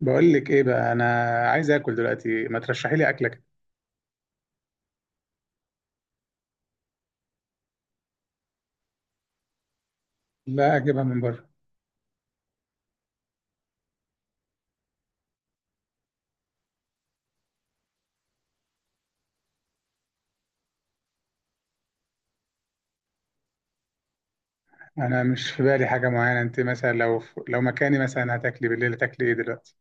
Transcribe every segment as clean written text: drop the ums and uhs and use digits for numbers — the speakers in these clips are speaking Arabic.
بقول لك ايه بقى. انا عايز اكل دلوقتي، ما ترشحي لي اكله كده. لا، اجيبها من بره. انا مش في بالي حاجه معينه. انت مثلا لو مكاني، مثلا هتاكلي بالليل، هتاكلي ايه دلوقتي؟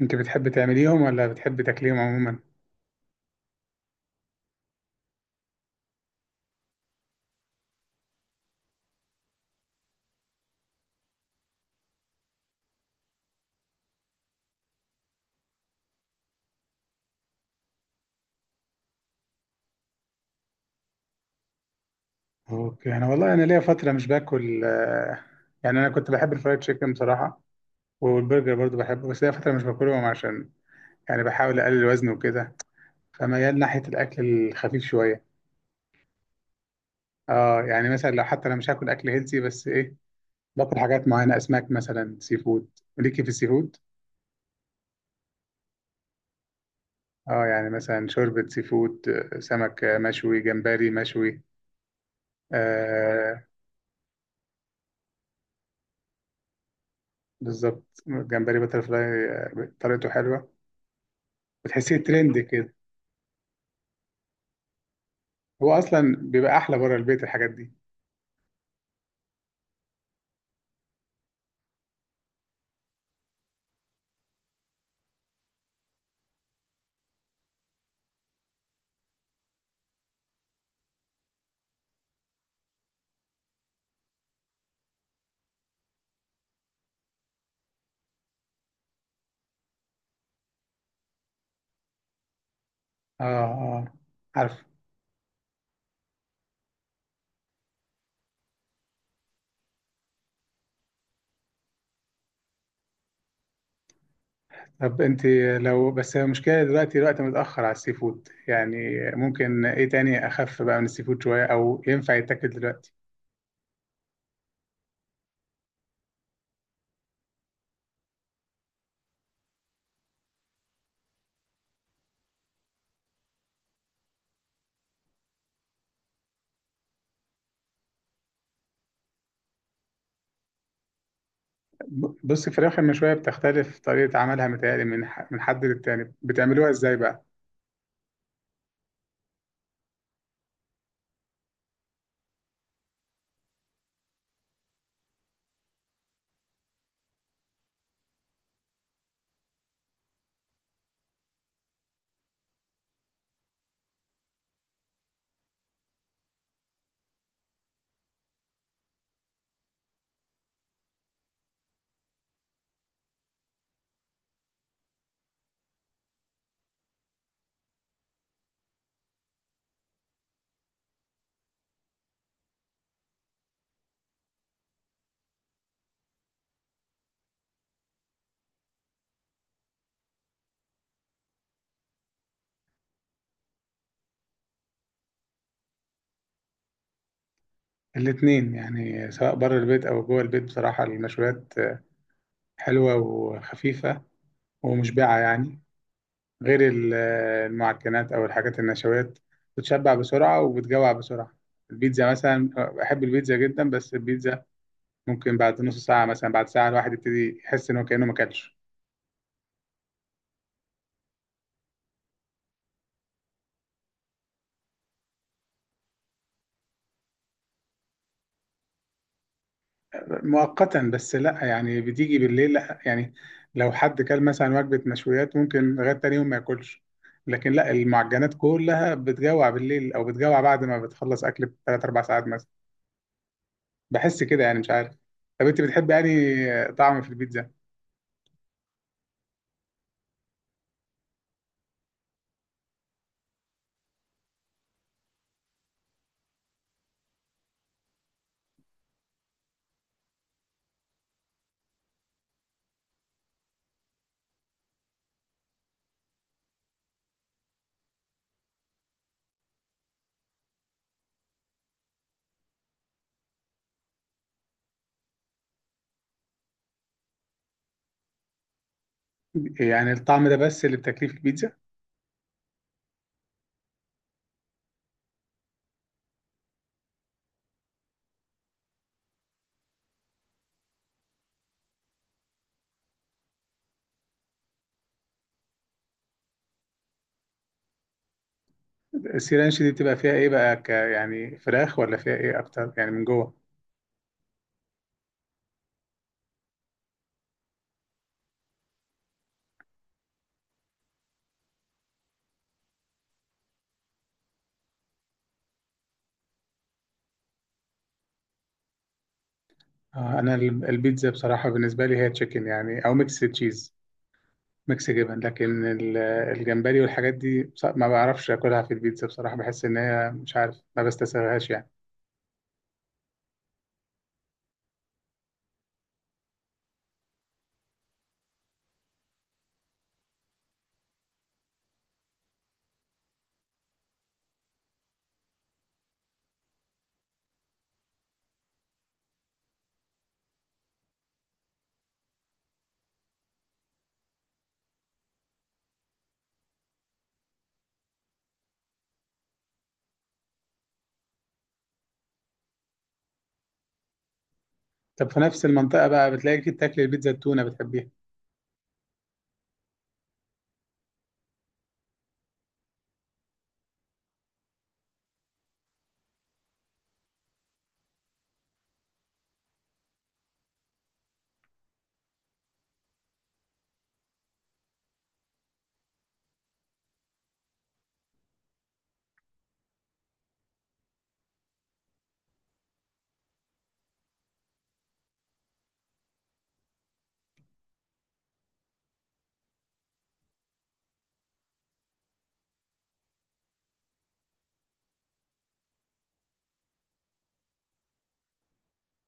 انت بتحبي تعمليهم ولا بتحبي تاكليهم عموما؟ اوكي، انا والله انا ليا فتره مش باكل. يعني انا كنت بحب الفرايد تشيكن بصراحه، والبرجر برضو بحبه، بس ليا فتره مش باكلهم عشان يعني بحاول اقلل وزني وكده، فميال ناحيه الاكل الخفيف شويه. اه يعني مثلا لو حتى انا مش هاكل اكل هيلثي، بس ايه، باكل حاجات معينة، أسماك مثلا، سي فود. ليكي في السي فود؟ اه، يعني مثلا شوربة سي فود، سمك، مشوي، جمبري مشوي، آه. بالظبط، جمبري بترفلاي، آه، طريقته حلوة. بتحسيه ترند كده، هو أصلا بيبقى أحلى بره البيت الحاجات دي. اه اه، عارف. طب انت، لو بس المشكلة دلوقتي الوقت متأخر على السي فود يعني، ممكن ايه تاني أخف بقى من السي فود شوية أو ينفع يتاكل دلوقتي؟ بص، الفراخ المشوية بتختلف طريقة عملها، متهيألي من حد للتاني. بتعملوها ازاي بقى؟ الاتنين، يعني سواء بره البيت أو جوه البيت بصراحة، المشويات حلوة وخفيفة ومشبعة يعني، غير المعجنات أو الحاجات النشويات، بتشبع بسرعة وبتجوع بسرعة. البيتزا مثلا، بحب البيتزا جدا، بس البيتزا ممكن بعد نص ساعة، مثلا بعد ساعة، الواحد يبتدي يحس إن هو كأنه ما أكلش. مؤقتا بس، لا يعني، بتيجي بالليل، لا يعني لو حد كل مثلا وجبة مشويات ممكن لغاية تاني يوم ما ياكلش، لكن لا، المعجنات كلها بتجوع بالليل او بتجوع بعد ما بتخلص اكل بثلاث اربع ساعات مثلا، بحس كده يعني، مش عارف. طب انت بتحبي يعني طعم في البيتزا؟ يعني الطعم ده بس اللي بتاكليه في البيتزا؟ السيرانش دي بتبقى فيها ايه بقى؟ ك يعني فراخ ولا فيها ايه اكتر يعني من جوه؟ آه، انا البيتزا بصراحة بالنسبة لي هي تشيكن يعني او ميكس تشيز، ميكس جبن، لكن الجمبري والحاجات دي، ما بعرفش اكلها في البيتزا بصراحه، بحس ان هي، مش عارف، ما بستساغهاش يعني. طب في نفس المنطقه بقى، بتلاقي في، بتاكل البيتزا التونه؟ بتحبيها؟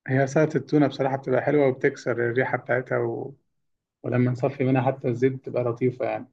هي سلطه التونه بصراحه بتبقى حلوه، وبتكسر الريحه بتاعتها، و... ولما نصفي منها حتى الزيت بتبقى لطيفه يعني.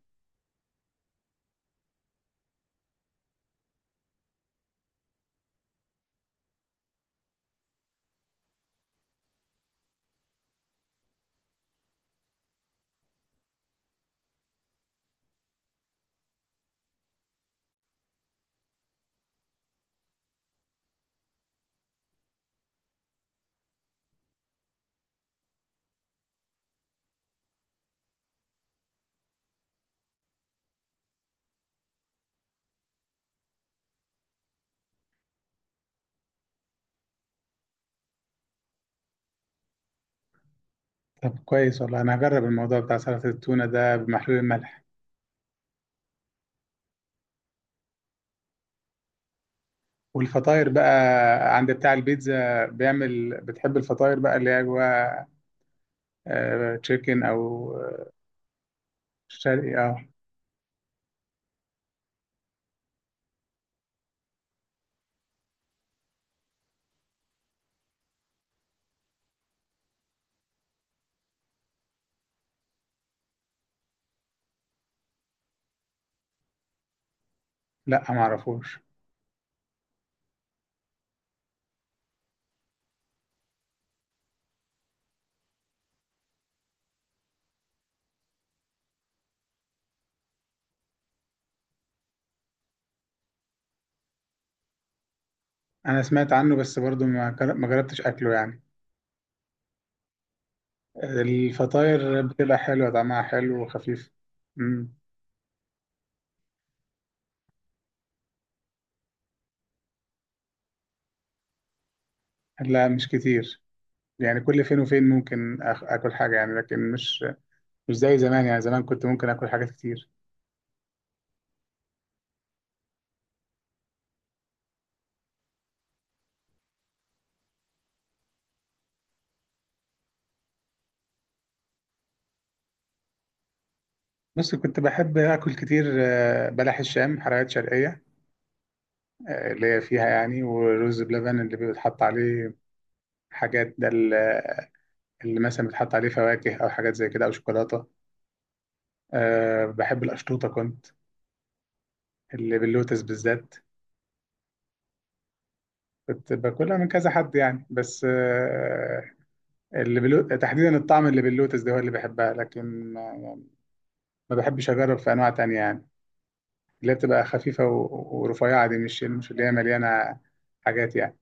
طب كويس والله، انا هجرب الموضوع بتاع سلطه التونه ده بمحلول الملح. والفطاير بقى، عند بتاع البيتزا بيعمل، بتحب الفطاير بقى اللي هي جواها آه، تشيكن او شرقي؟ اه لا، ما اعرفوش. انا سمعت عنه بس برضو ما جربتش اكله يعني. الفطاير بتبقى حلوه، طعمها حلو وخفيف. امم. لا مش كتير، يعني كل فين وفين ممكن اكل حاجه يعني، لكن مش، مش زي زمان يعني، زمان كنت ممكن اكل حاجات كتير. بس كنت بحب اكل كتير، آه، بلح الشام، حلويات شرقيه، آه، اللي هي فيها يعني، ورز بلبن اللي بيتحط عليه حاجات، ده اللي مثلا بيتحط عليه فواكه او حاجات زي كده او شوكولاته. أه، بحب القشطوطه كنت، اللي باللوتس بالذات. كنت باكلها من كذا حد يعني، بس آه، تحديدا الطعم اللي باللوتس ده هو اللي بحبها، لكن ما, يعني ما بحبش اجرب في انواع تانية يعني، اللي هي بتبقى خفيفة و... ورفيعة دي، مش مش اللي هي مليانة حاجات يعني.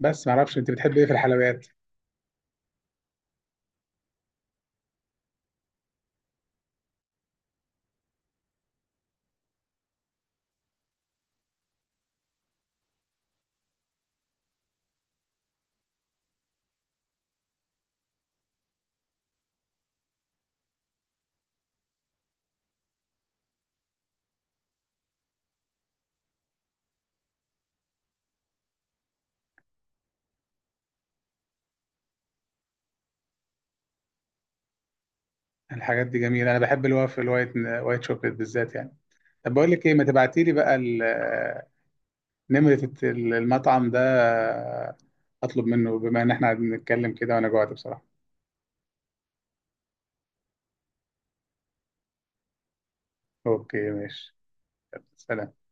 بس ما اعرفش انت بتحب ايه في الحلويات. الحاجات دي جميلة، انا بحب الوافل، الوايت، وايت شوكليت بالذات يعني. طب بقول لك ايه، ما تبعتي لي بقى نمرة المطعم ده، آه، اطلب منه، بما ان احنا قاعدين نتكلم كده وانا جوعت بصراحة. اوكي، ماشي. سلام.